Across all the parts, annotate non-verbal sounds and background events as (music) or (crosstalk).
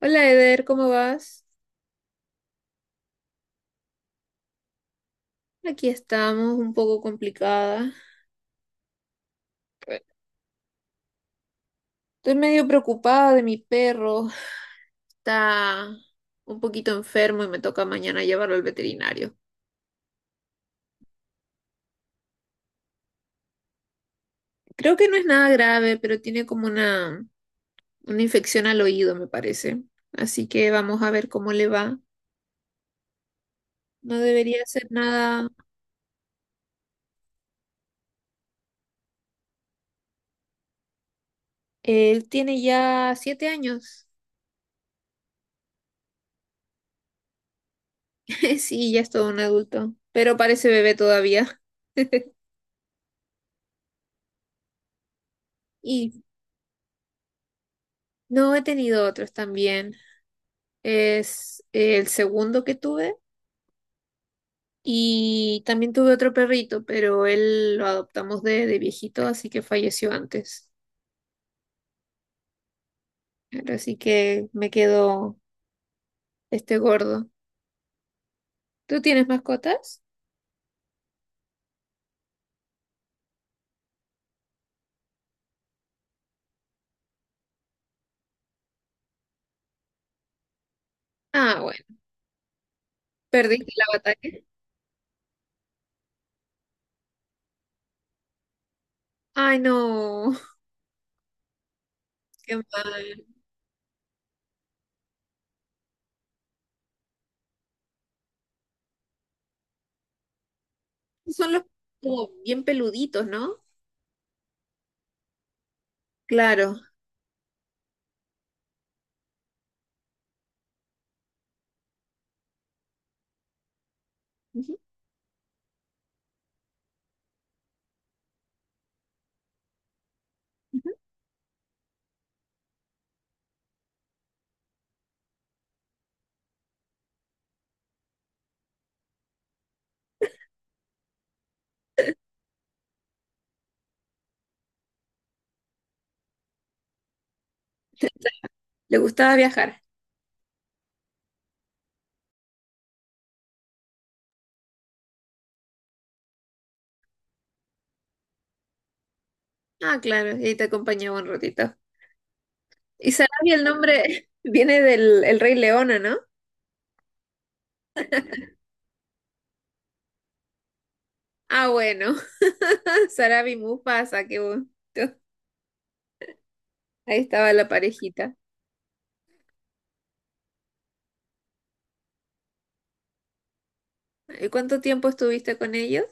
Hola Eder, ¿cómo vas? Aquí estamos, un poco complicada. Estoy medio preocupada de mi perro. Está un poquito enfermo y me toca mañana llevarlo al veterinario. Creo que no es nada grave, pero tiene como una infección al oído, me parece. Así que vamos a ver cómo le va. No debería ser nada. Él tiene ya 7 años. (laughs) Sí, ya es todo un adulto, pero parece bebé todavía. (laughs) Y no he tenido otros también. Es el segundo que tuve. Y también tuve otro perrito, pero él lo adoptamos de viejito, así que falleció antes. Así que me quedó este gordo. ¿Tú tienes mascotas? Ah, bueno. ¿Perdiste la batalla? Ay, no. (laughs) Qué mal. Son los como bien peluditos, ¿no? Claro. Ujú, ujú. ¿Le gustaba viajar? Ah, claro. Y te acompañaba un ratito. Y Sarabia el nombre (laughs) viene del el Rey León, ¿o no? Ah, bueno. Sarabi Mufasa, qué bonito. Ahí estaba la parejita. ¿Y cuánto tiempo estuviste con ellos?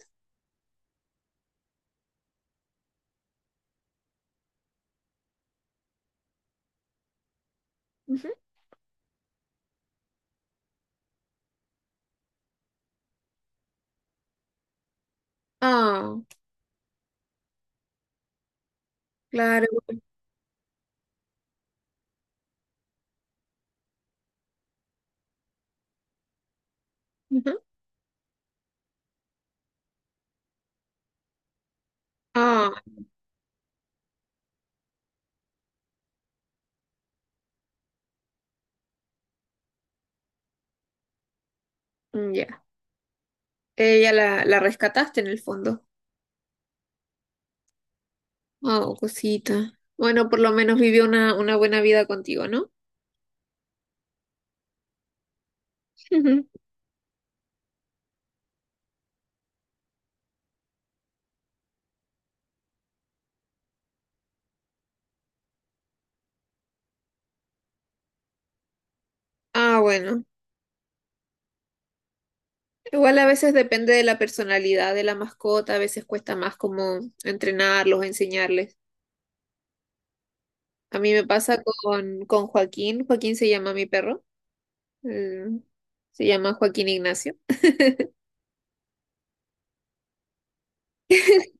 Ujú. Ah, claro. Ujú. Ah, mm, ya. Ella la rescataste en el fondo. Oh, cosita. Bueno, por lo menos vivió una buena vida contigo, ¿no? Ujú. Ah, bueno. Igual a veces depende de la personalidad de la mascota, a veces cuesta más como entrenarlos, enseñarles. A mí me pasa con Joaquín. Joaquín se llama mi perro. Mm, Se llama Joaquín Ignacio.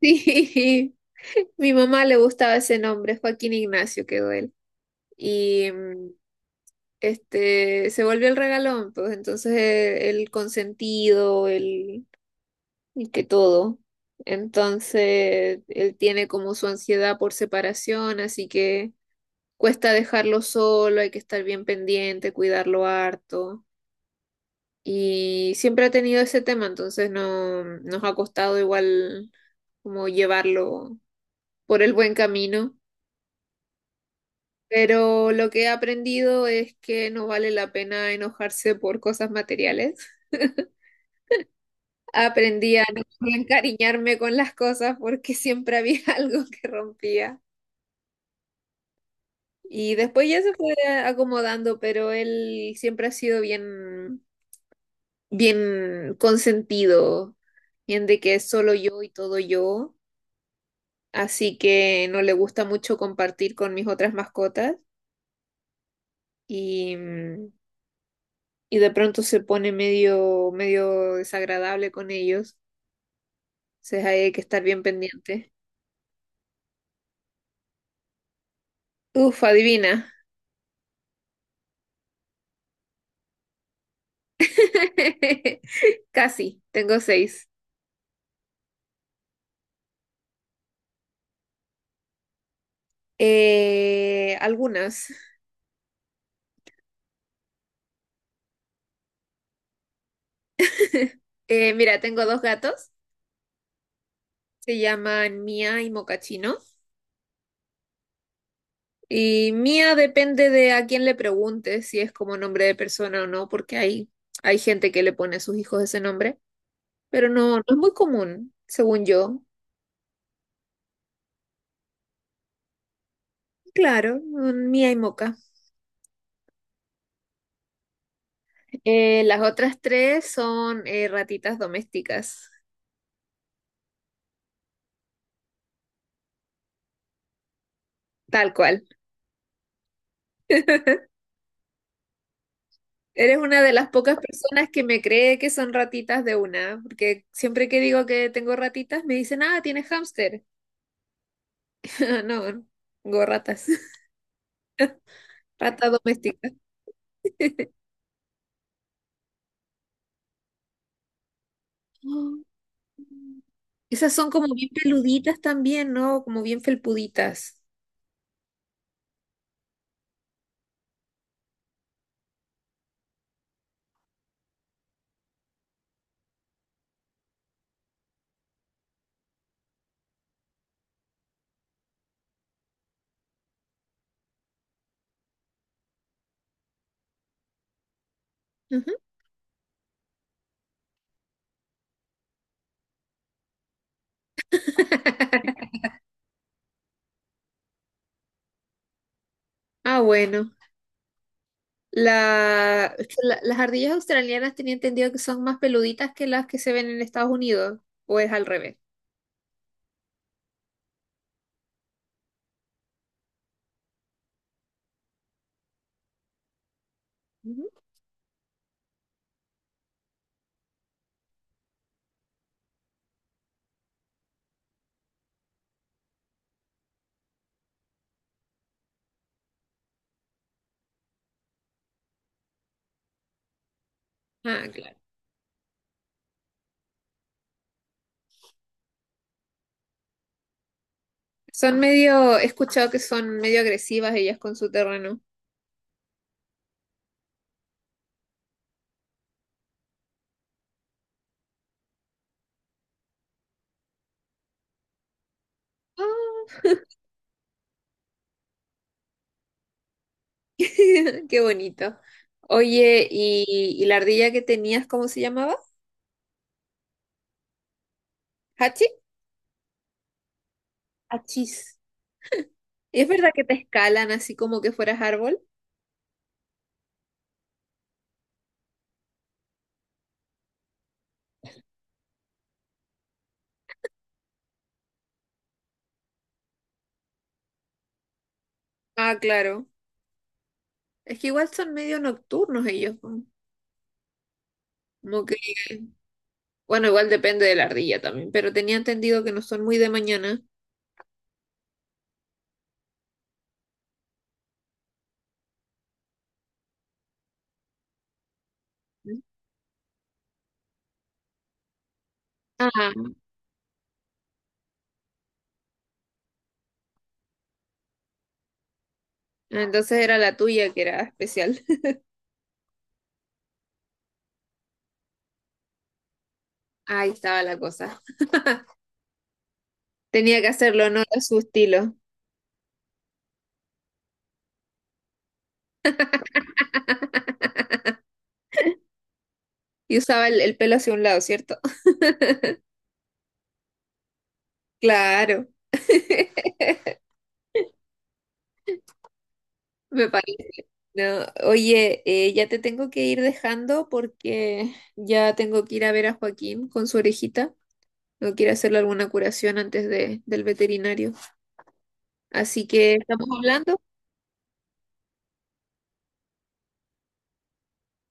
Sí, (laughs) mi mamá le gustaba ese nombre, Joaquín Ignacio quedó él. Y este se volvió el regalón, pues entonces el consentido, el que todo. Entonces él tiene como su ansiedad por separación, así que cuesta dejarlo solo, hay que estar bien pendiente, cuidarlo harto. Y siempre ha tenido ese tema, entonces no nos ha costado igual como llevarlo por el buen camino. Pero lo que he aprendido es que no vale la pena enojarse por cosas materiales. Aprendí a no encariñarme con las cosas porque siempre había (laughs) algo que rompía. Y después ya se fue acomodando, pero él siempre ha sido bien, bien consentido, bien de que es solo yo y todo yo. Así que no le gusta mucho compartir con mis otras mascotas. Y y de pronto se pone medio desagradable con ellos. Entonces ahí hay que estar bien pendiente. Uf, adivina. (laughs) Casi, tengo seis. Algunas. Mira, tengo dos gatos. Se llaman Mía y Mocachino. Y Mía depende de a quién le preguntes si es como nombre de persona o no, porque hay gente que le pone a sus hijos ese nombre. Pero no, no es muy común, según yo. Claro, mm, Mía y Moca. Las otras tres son ratitas domésticas, tal cual. Eres una de las pocas personas que me cree que son ratitas de una, porque siempre que digo que tengo ratitas me dicen, ah, tienes hámster. (laughs) No, tengo ratas, (laughs) rata doméstica. Oh. Esas son como bien peluditas también, ¿no? Como bien felpuditas. Ujú. (laughs) Ah, bueno. La- las ardillas australianas tenía entendido que son más peluditas que las que se ven en Estados Unidos, o es al revés. Ujú. Ah, claro. Son medio, he escuchado que son medio agresivas ellas con su terreno. Ah, (laughs) qué bonito. Oye, ¿y la ardilla que tenías, cómo se llamaba? ¿Hachi? Hachis. ¿Es verdad que te escalan así como que fueras árbol? Ah, claro. Es que igual son medio nocturnos ellos, ¿no? como que Bueno, igual depende de la ardilla también, pero tenía entendido que no son muy de mañana. Ah, entonces era la tuya que era especial. (laughs) Ahí estaba la cosa. Tenía que hacerlo honor a su estilo. Y usaba el pelo hacia un lado, ¿cierto? (laughs) Claro, me parece. No, oye, ya te tengo que ir dejando porque ya tengo que ir a ver a Joaquín con su orejita. No quiere hacerle alguna curación antes del veterinario. Así que estamos hablando.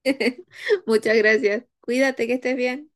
(laughs) Muchas gracias. Cuídate, que estés bien.